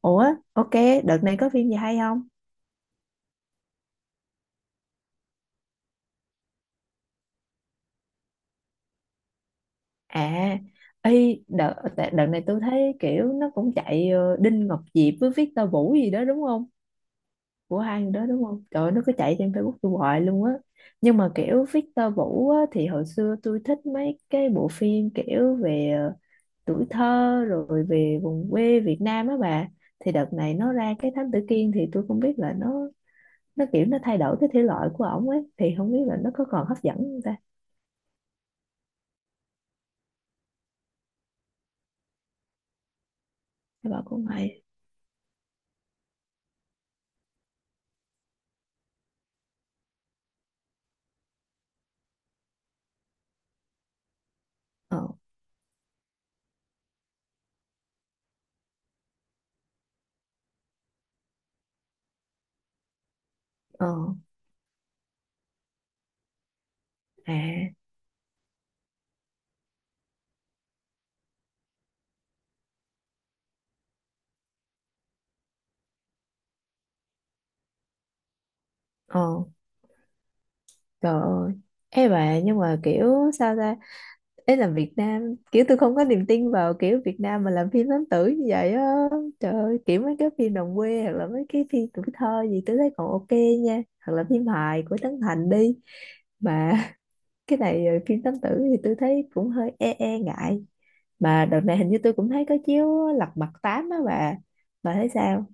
Ủa, ok, đợt này có phim gì hay không? À, đợt này tôi thấy kiểu nó cũng chạy Đinh Ngọc Diệp với Victor Vũ gì đó đúng không? Của hai người đó đúng không? Trời ơi, nó cứ chạy trên Facebook tôi hoài luôn á. Nhưng mà kiểu Victor Vũ á, thì hồi xưa tôi thích mấy cái bộ phim kiểu về tuổi thơ rồi về vùng quê Việt Nam á bà. Thì đợt này nó ra cái Thám Tử Kiên thì tôi không biết là nó kiểu nó thay đổi cái thể loại của ổng ấy thì không biết là nó có còn hấp dẫn không ta. Hay bà cũng hay. Ờ. Ờ. À. Ờ. Trời ơi. Ê bà, nhưng mà kiểu sao ta, ấy là Việt Nam kiểu tôi không có niềm tin vào kiểu Việt Nam mà làm phim lãng tử như vậy á. Trời ơi, kiểu mấy cái phim đồng quê hoặc là mấy cái phim tuổi thơ gì tôi thấy còn ok nha, hoặc là phim hài của Trấn Thành đi mà cái này phim lãng tử thì tôi thấy cũng hơi e e ngại, mà đợt này hình như tôi cũng thấy có chiếu Lật Mặt Tám á bà thấy sao?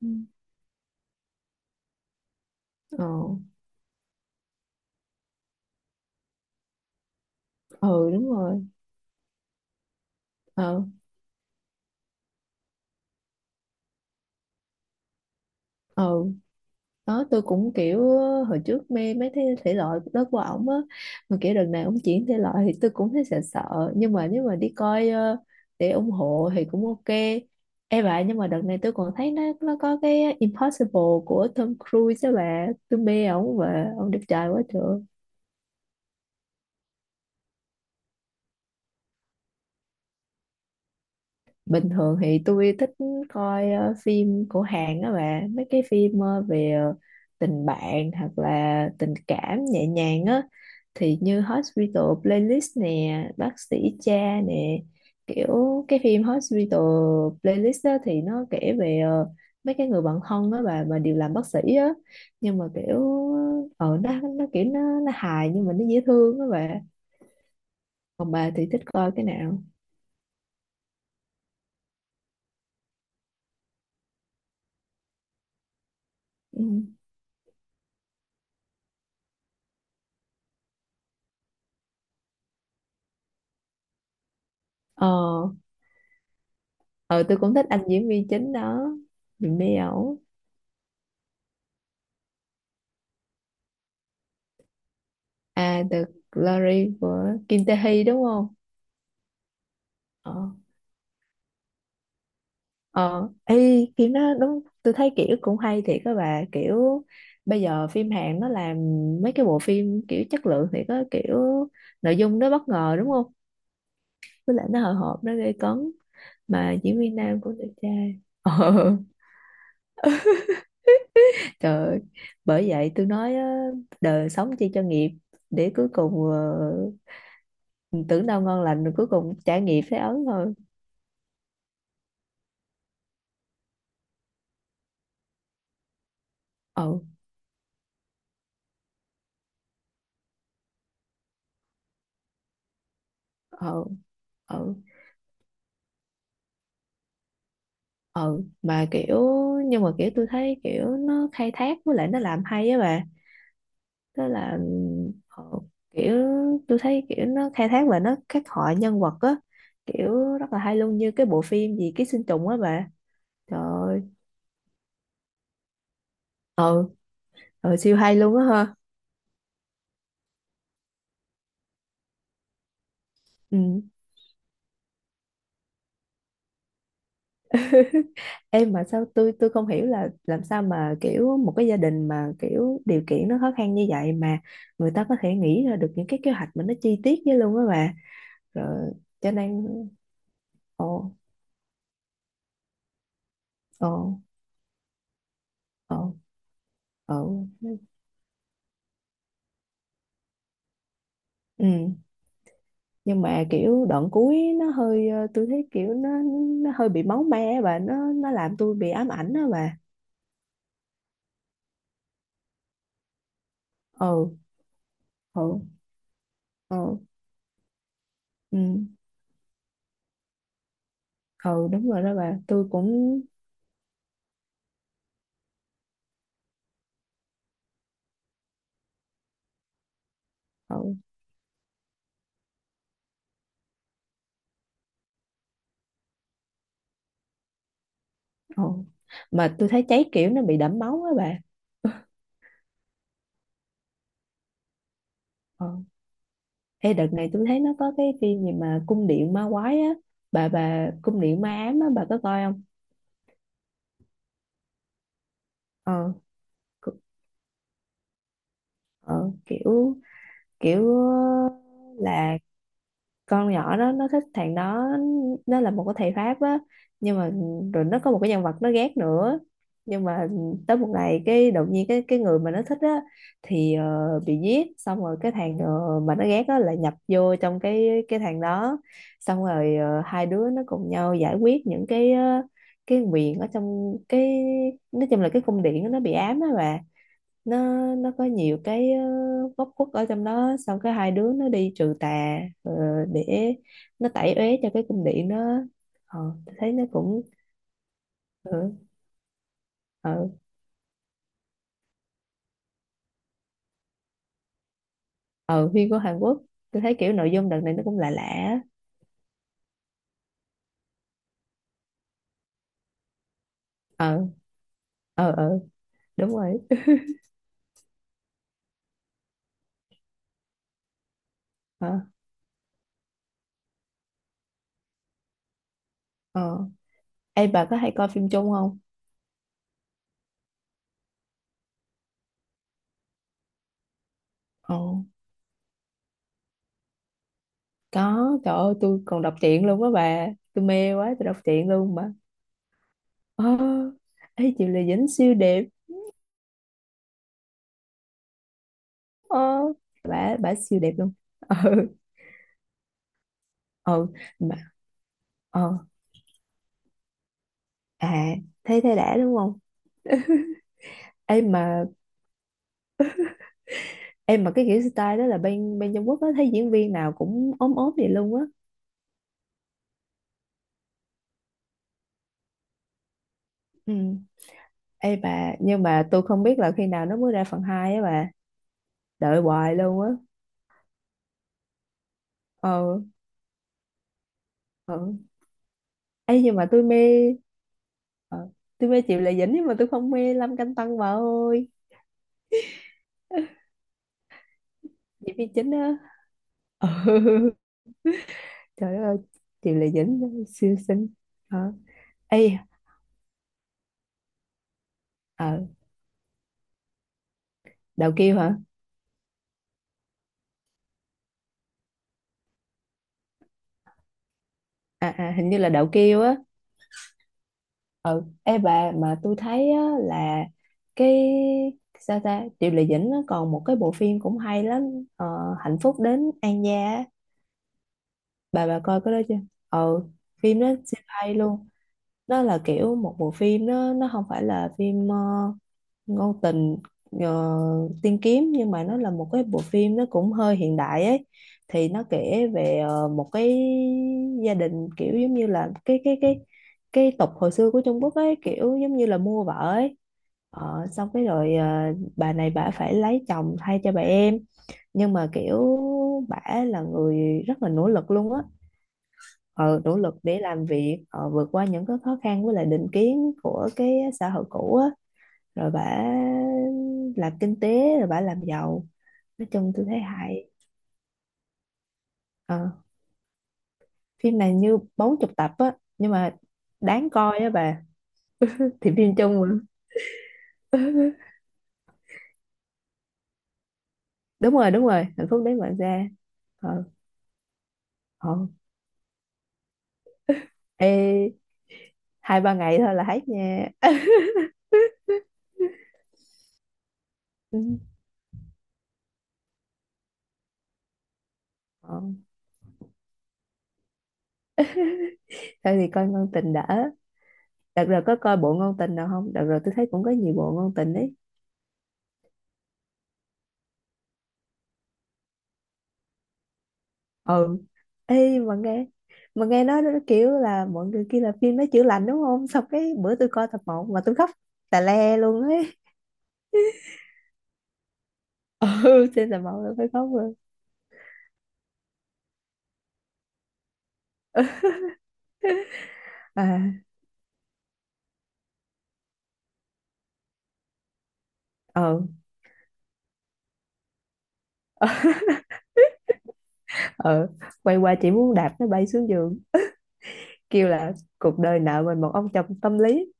Ừ. Ờ. Ừ, đúng rồi. Ờ. Ừ. Đó tôi cũng kiểu hồi trước mê mấy cái thể loại đó của ổng á, mà kiểu đợt này ổng chuyển thể loại thì tôi cũng thấy sợ sợ, nhưng mà nếu mà đi coi để ủng hộ thì cũng ok. Ê bà, nhưng mà đợt này tôi còn thấy nó có cái Impossible của Tom Cruise đó bà, tôi mê ổng và ổng đẹp trai quá trời. Bình thường thì tôi thích coi phim của Hàn đó bà, mấy cái phim về tình bạn hoặc là tình cảm nhẹ nhàng á, thì như Hospital Playlist nè, bác sĩ cha nè, kiểu cái phim Hospital Playlist á thì nó kể về mấy cái người bạn thân đó bà mà đều làm bác sĩ á, nhưng mà kiểu nó kiểu nó hài nhưng mà nó dễ thương đó bà. Còn bà thì thích coi cái nào? Ừ. Ờ. Ờ, tôi cũng thích anh diễn viên chính đó, mình mê ẩu. À, The Glory của Kim Tae Hee đúng không? Ờ. Ờ, Kim nó đúng tôi thấy kiểu cũng hay thiệt các bà, kiểu bây giờ phim Hàn nó làm mấy cái bộ phim kiểu chất lượng thì có kiểu nội dung nó bất ngờ đúng không, với lại nó hồi hộp nó gây cấn, mà diễn viên nam cũng đẹp trai ờ Trời ơi. Bởi vậy tôi nói á, đời sống chi cho nghiệp để cuối cùng mình tưởng đâu ngon lành rồi cuối cùng trải nghiệm thấy ớn thôi. Ừ. Ừ. Ừ. Ừ. Mà kiểu nhưng mà kiểu tôi thấy kiểu nó khai thác với lại nó làm hay á bà. Tức là ừ, kiểu tôi thấy kiểu nó khai thác và nó khắc họa nhân vật á, kiểu rất là hay luôn, như cái bộ phim gì ký sinh trùng á bà, trời ơi. Ừ. Ừ, siêu hay luôn á ha. Ừ. Em mà sao tôi không hiểu là làm sao mà kiểu một cái gia đình mà kiểu điều kiện nó khó khăn như vậy mà người ta có thể nghĩ ra được những cái kế hoạch mà nó chi tiết với luôn á bà. Rồi cho nên ồ. Ồ. Ồ. Ồ. Ừ, nhưng mà kiểu đoạn cuối nó hơi tôi thấy kiểu nó hơi bị máu me á bà, nó làm tôi bị ám ảnh đó bà. Ừ. Ừ. Ừ. Ừ. Ừ, đúng rồi đó bà, tôi cũng ừ. Ồ. Mà tôi thấy cháy kiểu nó bị đẫm máu á bà. Ờ. Ê, đợt này tôi thấy nó có cái phim gì mà cung điện ma quái á, bà cung điện ma ám á bà có coi không? Ờ, cu- ờ kiểu kiểu ờ, là con nhỏ đó nó thích thằng đó, nó là một cái thầy Pháp á, nhưng mà rồi nó có một cái nhân vật nó ghét nữa, nhưng mà tới một ngày cái đột nhiên cái người mà nó thích á thì bị giết, xong rồi cái thằng mà nó ghét á là nhập vô trong cái thằng đó, xong rồi hai đứa nó cùng nhau giải quyết những cái cái nguyện ở trong cái, nói chung là cái cung điện đó, nó bị ám á bà, nó nó có nhiều cái góc khuất ở trong đó, xong cái hai đứa nó đi trừ tà để nó tẩy uế cho cái cung điện đó ờ, tôi thấy nó cũng ờ ờ ờ phim của Hàn Quốc. Tôi thấy kiểu nội dung đợt này nó cũng lạ lạ á. Ờ. Ờ. Ờ, đúng rồi. Ờ. Ờ. Ê bà, có hay coi phim chung không? Ờ, có, trời ơi, tôi còn đọc truyện luôn á bà, tôi mê quá tôi đọc truyện luôn mà. Ờ. Ê, chị là dính siêu đều. Ờ, bả bả siêu đẹp luôn ừ. Ừ, mà ờ à thấy thấy đã đúng không? Em mà em mà cái kiểu style đó là bên bên Trung Quốc á, thấy diễn viên nào cũng ốm ốm vậy luôn á. Ừ. Ê bà, nhưng mà tôi không biết là khi nào nó mới ra phần 2 á bà. Đợi hoài luôn á. Ờ. Ừ. Ê, nhưng mà tôi mê ờ, tôi mê Triệu Lệ Dĩnh nhưng mà tôi không mê Lâm Canh Tân bà ơi. Diễn viên chính á. Ừ. Trời ơi. Chị Lệ Dĩnh siêu xinh. Hả? Ê. Ờ, đậu kiêu hả? À, à, hình như là đậu kiêu á. Ừ. Ê bà, mà tôi thấy á, là cái sao ta, Triệu Lệ Dĩnh nó còn một cái bộ phim cũng hay lắm, ờ, Hạnh phúc đến An gia á. Bà coi cái đó chưa? Ừ. Phim đó siêu hay luôn. Nó là kiểu một bộ phim, nó không phải là phim ngôn tình ờ, tiên kiếm, nhưng mà nó là một cái bộ phim nó cũng hơi hiện đại ấy. Thì nó kể về một cái gia đình kiểu giống như là cái tục hồi xưa của Trung Quốc ấy, kiểu giống như là mua vợ ấy. Ờ, xong cái rồi bà này bà phải lấy chồng thay cho bà em, nhưng mà kiểu bả là người rất là nỗ lực luôn á, ờ, nỗ lực để làm việc vượt qua những cái khó khăn với lại định kiến của cái xã hội cũ á, rồi bả làm kinh tế rồi bả làm giàu, nói chung tôi thấy hay. Ờ, phim này như 40 tập á nhưng mà đáng coi á bà. Thì phim chung mà. Đúng rồi, đúng rồi, hạnh phúc đến bạn ra. Ờ. Ờ. Ê, hai ba ngày thôi là hết nha Ừ. Ờ, thôi thì coi ngôn tình đã. Đợt rồi có coi bộ ngôn tình nào không? Đợt rồi tôi thấy cũng có nhiều bộ ngôn tình ấy. Ừ. Ê, mà nghe nói nó kiểu là mọi người kia là phim nó chữa lành đúng không, xong cái bữa tôi coi tập một mà tôi khóc tà le luôn ấy. Ừ, trên tập một là phải khóc luôn. À. Ờ. Ờ, quay qua chỉ muốn đạp nó bay xuống giường, kêu là cuộc đời nợ mình một ông chồng tâm lý.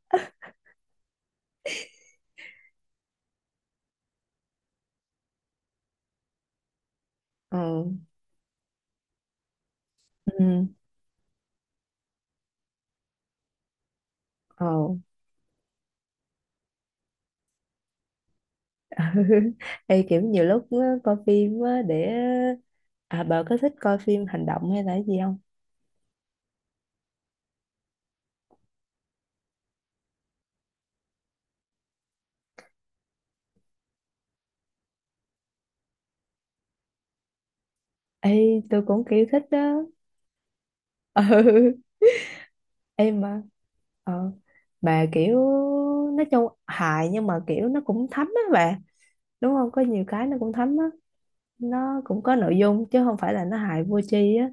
Ờ. Ừ. Ờ. Ê, kiểu nhiều lúc á, coi phim á, để à bà có thích coi phim hành động hay là cái gì không? Ê, tôi cũng kiểu thích đó. Ừ. Em mà ờ mà kiểu nói chung hài nhưng mà kiểu nó cũng thấm á bà, đúng không, có nhiều cái nó cũng thấm á, nó cũng có nội dung chứ không phải là nó hài vô tri á.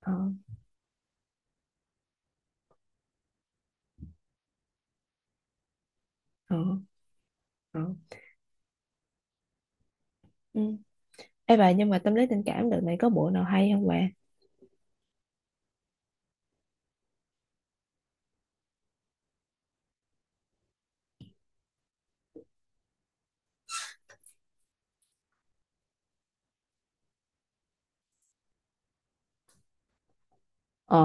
Ờ. Ờ. Ờ. Ừ. Ê bà, nhưng mà tâm lý tình cảm đợt này có bộ nào hay không bà? Ờ.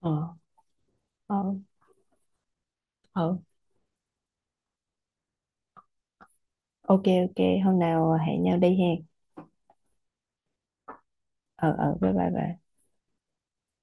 Ờ. Ờ. Ờ. Ok, ok, hôm nào hẹn nhau đi hen. Ờ. Ờ, bye bye bà.